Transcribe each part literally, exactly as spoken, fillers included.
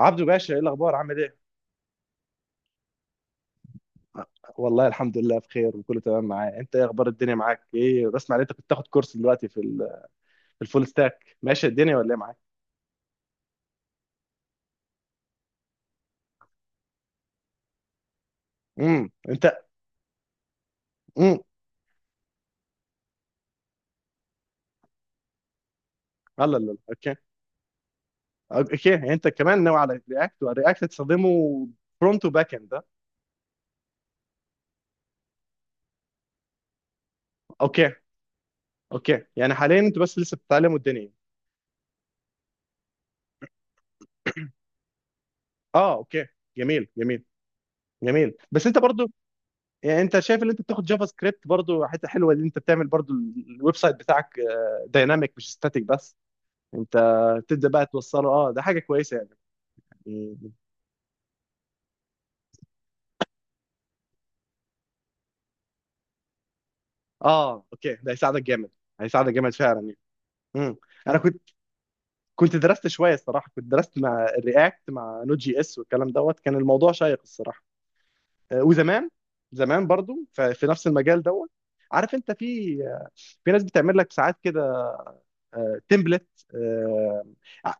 عبدو باشا، ايه الاخبار؟ عامل ايه؟ والله، الحمد لله بخير وكله تمام معايا. انت ايه اخبار الدنيا معاك؟ ايه، بسمع ان انت كنت تاخد كورس دلوقتي في ال- في الفول ستاك. ماشي الدنيا ولا ايه معاك؟ امم انت. امم الله الله الله. اوكي. اوكي، يعني انت كمان ناوي على رياكت؟ ورياكت تستخدمه فرونت وباك اند ده؟ اوكي. اوكي، يعني حاليا انتوا بس لسه بتتعلموا الدنيا. اه، اوكي. جميل جميل. جميل بس انت برضو، يعني انت شايف ان انت بتاخد جافا سكريبت برضو حته حلوه ان انت بتعمل برضو الويب سايت بتاعك دايناميك مش ستاتيك بس. انت تبدا بقى توصله، اه ده حاجه كويسه يعني. يعني- اه اوكي، ده هيساعدك جامد. هيساعدك جامد فعلا يعني. امم انا كنت، كنت درست شويه الصراحه. كنت درست مع الرياكت مع نوت جي اس والكلام دوت. كان الموضوع شيق الصراحه. آه، وزمان، زمان برضو ف- في نفس المجال دوت. عارف انت في، آه، في ناس بتعمل لك ساعات كده تمبلت،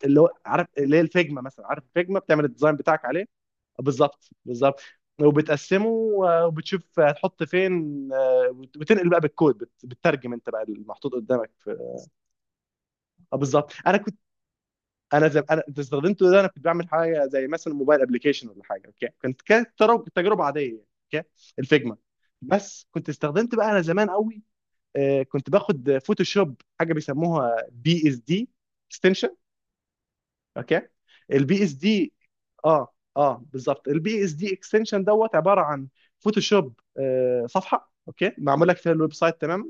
اللي هو عارف اللي هي الفيجما مثلا. عارف الفيجما بتعمل الديزاين بتاعك عليه. بالظبط بالظبط. وبتقسمه، آه، وبتشوف هتحط فين، آه، وت- وتنقل بقى بالكود، بت- بتترجم انت بقى المحطوط قدامك في. اه بالظبط. انا كنت، انا زي انا انت استخدمته ده. انا كنت بعمل حاجه زي مثلا موبايل ابلكيشن ولا حاجه، اوكي. كانت كانت ترو- تجربه عاديه يعني. اوكي الفيجما. بس كنت استخدمت بقى انا زمان قوي. آه، كنت باخد فوتوشوب، حاجه بيسموها بي اس دي. اوكي. البي اس دي. اه اه بالظبط، البي اس دي اكستنشن دوت عباره عن فوتوشوب. آه صفحه اوكي معمول لك فيها الويب سايت تماما.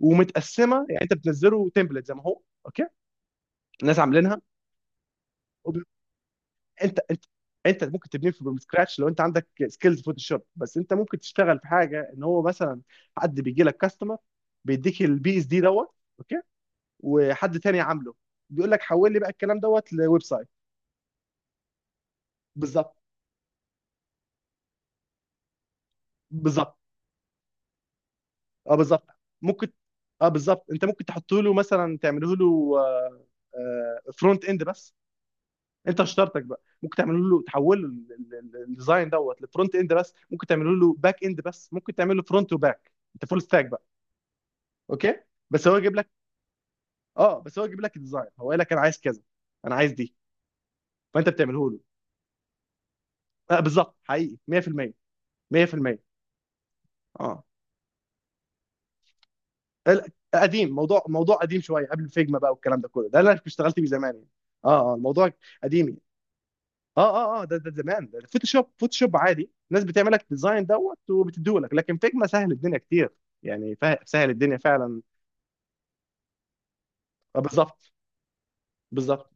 ومتقسمه، يعني انت بتنزله تمبلت زي ما هو اوكي. الناس عاملينها. وب... انت انت، انت ممكن تبنيه فروم سكراتش لو انت عندك سكيلز فوتوشوب. بس انت ممكن تشتغل في حاجه ان هو مثلا حد بيجي لك كاستمر بيديك البي اس دي دوت، اوكي، وحد تاني عامله بيقول لك حول لي بقى الكلام دوت لويب سايت. بالظبط بالظبط. اه بالظبط. ممكن، اه بالظبط، انت ممكن تحط له مثلا، تعمله له فرونت اند بس. انت اشترتك بقى ممكن تعمله له تحول له الديزاين دوت لفرونت اند بس، ممكن تعمله له باك اند بس، ممكن تعمل له فرونت وباك انت فول ستاك بقى. اوكي. بس هو يجيب لك، اه بس هو يجيب لك الديزاين. هو قال لك انا عايز كذا، انا عايز دي، فانت بتعمله له. آه بالظبط، حقيقي مية في المية مية في المية. اه ال- قديم، موضوع موضوع قديم شويه قبل فيجما بقى والكلام ده كله. ده اللي انا كنت اشتغلت بيه زمان يعني. اه اه الموضوع قديم يعني. اه اه اه ده ده زمان، ده فوتوشوب. فوتوشوب عادي الناس بتعمل لك ديزاين دوت وبتديه لك، لكن فيجما سهل الدنيا كتير يعني. فا- سهل الدنيا فعلا. آه، بالظبط بالظبط.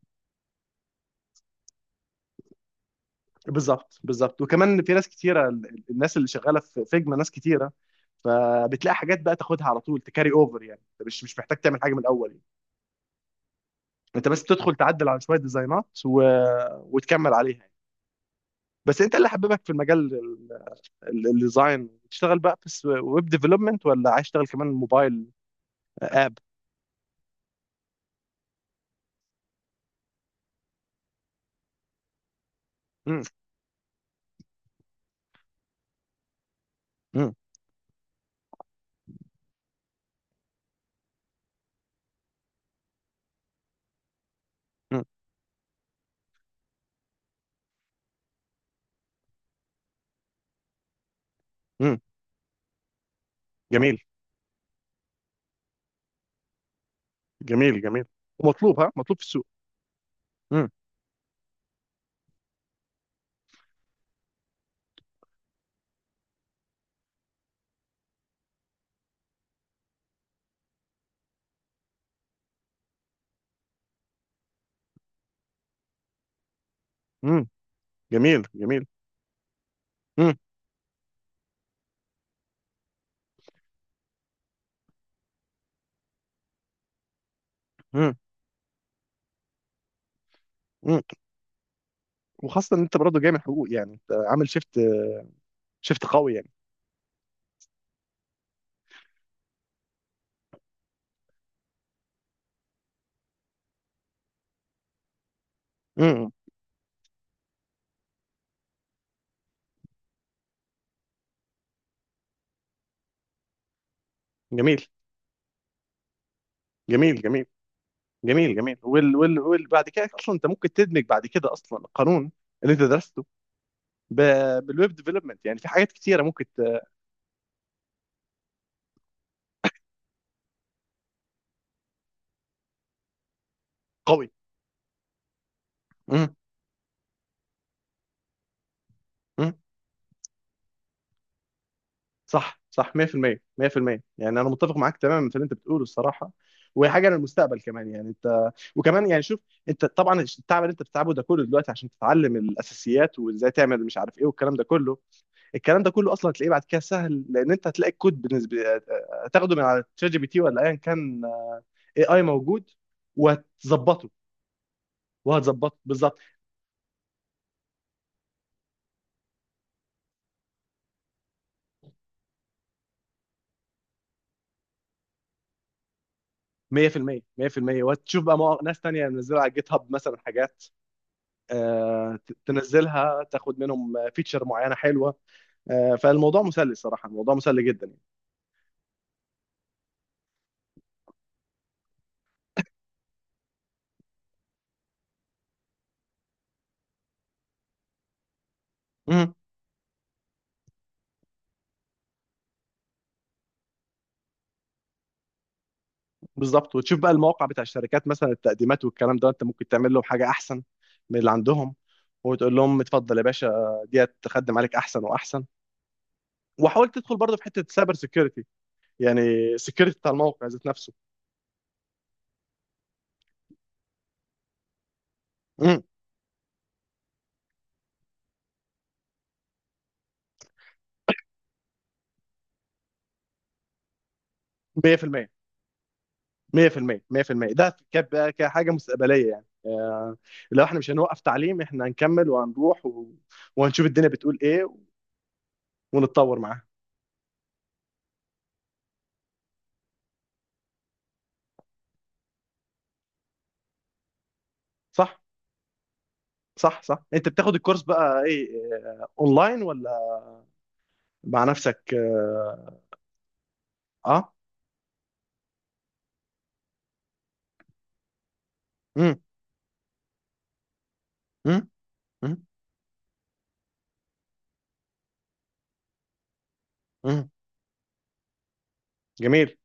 بالظبط بالظبط. وكمان في ناس كتيره، ال- ال- الناس اللي شغاله في فيجما ناس كتيره، فبتلاقي حاجات بقى تاخدها على طول تكاري اوفر، يعني انت مش مش محتاج تعمل حاجه من الاول يعني. انت بس تدخل تعدل على شويه ديزاينات و... وتكمل عليها يعني. بس انت اللي حببك في المجال، ال- ال- الديزاين، تشتغل بقى في الس- ويب ديفلوبمنت ولا عايز تشتغل كمان موبايل؟ آه، اب. مم. مم. مم. جميل جميل جميل. ومطلوب، ها، مطلوب في السوق. مم. مم. جميل جميل. مم. مم. مم. وخاصة ان انت برضه جاي من حقوق، يعني انت عامل شيفت، شيفت قوي يعني. مم. جميل جميل. جميل جميل جميل. وال وال وال بعد كده اصلا انت ممكن تدمج بعد كده اصلا القانون اللي انت درسته ب... بالويب ديفلوبمنت. يعني في حاجات كتيرة ممكن ت- قوي. مم. مم. صح صح، مية في المية مية في المية. يعني انا متفق معاك تماما في اللي انت بتقوله الصراحه. وهي حاجه للمستقبل كمان يعني. انت وكمان يعني شوف، انت طبعا التعب اللي انت بتتعبه ده كله دلوقتي عشان تتعلم الاساسيات وازاي تعمل مش عارف ايه والكلام ده كله، الكلام ده كله اصلا هتلاقيه بعد كده سهل. لان انت هتلاقي الكود بالنسبه هتاخده من على تشات جي بي تي ولا ايا كان. اي اي موجود وهتظبطه. وهتظبطه بالظبط مية في المية مية في المية. وهتشوف بقى مواقع، ناس تانية منزله على جيت هاب مثلا حاجات، آه، تنزلها تاخد منهم فيتشر معينه حلوه. آه، فالموضوع مسلي صراحه، الموضوع مسلي جدا يعني. مم، بالظبط. وتشوف بقى المواقع بتاع الشركات مثلا التقديمات والكلام ده، انت ممكن تعمل لهم حاجه احسن من اللي عندهم وتقول لهم اتفضل يا باشا، ديت تخدم عليك احسن واحسن. وحاول تدخل برضه في حته سايبر سيكيورتي يعني، سيكيورتي بتاع الموقع ذات نفسه. مم، مية في المية مية في المية مية في المية. ده ك- كحاجه مستقبليه يعني. آه، لو احنا مش هنوقف تعليم، احنا هنكمل وهنروح و... وهنشوف الدنيا بتقول ايه ونتطور معاها. صح صح صح. انت بتاخد الكورس بقى ايه، آه، اونلاين ولا مع نفسك؟ اه. آه؟ امم. امم. امم. أمم. جميل.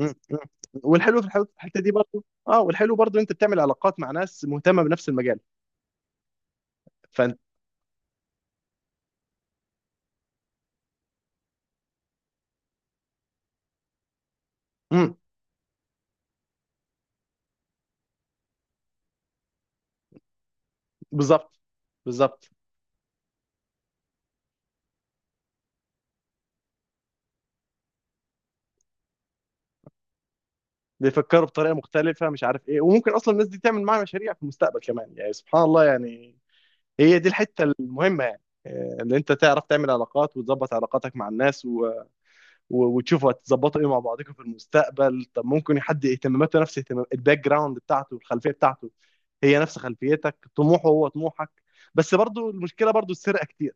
أمم، أمم. والحلو في الحل- الحته دي برضو، اه والحلو برضو انت بتعمل علاقات مع ناس مهتمه بنفس المجال، فانت. امم. بالظبط بالظبط. بيفكروا بطريقه مختلفه مش عارف ايه. وممكن اصلا الناس دي تعمل معاها مشاريع في المستقبل كمان يعني سبحان الله يعني. هي دي الحته المهمه يعني، آه، اللي انت تعرف تعمل علاقات وتظبط علاقاتك مع الناس و... و... وتشوفوا هتظبطوا ايه مع بعضكم في المستقبل. طب ممكن حد اهتماماته نفس اهتمام الباك جراوند بتاعته، الخلفيه بتاعته هي نفس خلفيتك، طموحه هو طموحك. بس برضو المشكله برضو السرقه كتير.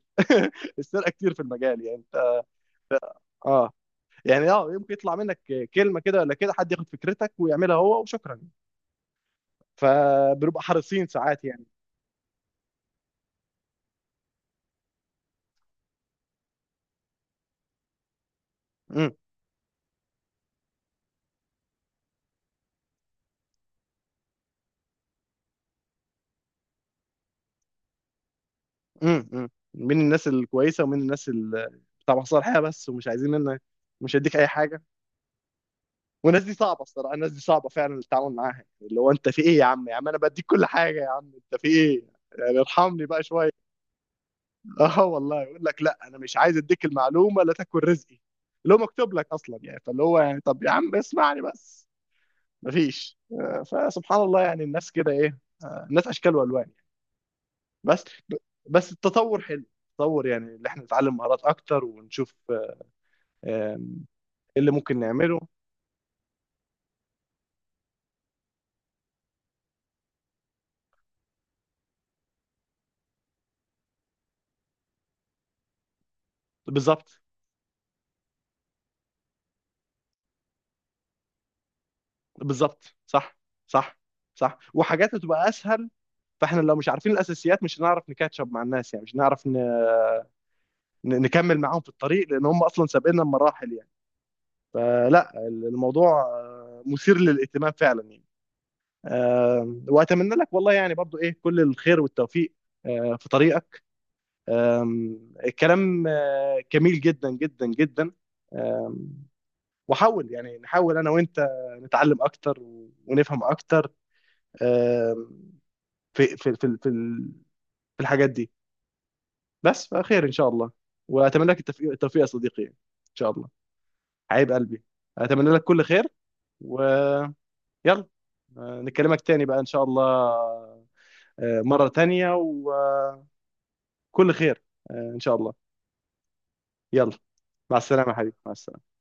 السرقه كتير في المجال. يعني انت اه يعني اه، يمكن يطلع منك كلمه كده ولا كده، حد ياخد فكرتك ويعملها هو وشكرا. فبنبقى حريصين ساعات يعني. مم. مم. مم. من الناس الكويسه ومن الناس ال- بتاع مصالحه بس ومش عايزين منك. مش هديك اي حاجه. والناس دي صعبه الصراحه، الناس دي صعبه فعلا التعامل معاها، اللي هو انت في ايه يا عم؟ يا عم انا بديك كل حاجه، يا عم انت في ايه؟ يعني ارحمني بقى شويه. اه والله، يقول لك لا انا مش عايز اديك المعلومه لا تاكل رزقي، اللي هو مكتوب لك اصلا يعني. فاللي هو يعني طب يا عم اسمعني بس. مفيش، آه، فسبحان الله يعني. الناس كده ايه؟ آه، الناس اشكال والوان. بس، ب- بس التطور حلو. التطور يعني اللي احنا نتعلم مهارات اكتر ونشوف، آه، آم، ايه اللي ممكن نعمله. بالظبط بالظبط. صح صح صح. وحاجات هتبقى اسهل. فاحنا لو مش عارفين الاساسيات مش هنعرف نكاتشب مع الناس يعني. مش هنعرف ن- ن- نكمل معاهم في الطريق لان هم اصلا سابقنا بمراحل يعني. فلا الموضوع، آه، مثير للاهتمام فعلا يعني. آم، واتمنى لك والله يعني برضو ايه كل الخير والتوفيق، آه، في طريقك. أم، الكلام، آه، جميل جدا جدا جدا. آه، وحاول يعني نحاول انا وانت نتعلم اكتر و- ونفهم اكتر، آم، في في في في ال- في الحاجات دي بس. فخير ان شاء الله. واتمنى لك التفي- التوفيق يا صديقي ان شاء الله. حبيب قلبي، اتمنى لك كل خير. ويلا، آه، نكلمك تاني بقى ان شاء الله. آه، مرة تانية وكل خير. آه، ان شاء الله. يلا. مع السلامة يا حبيبي مع السلامة.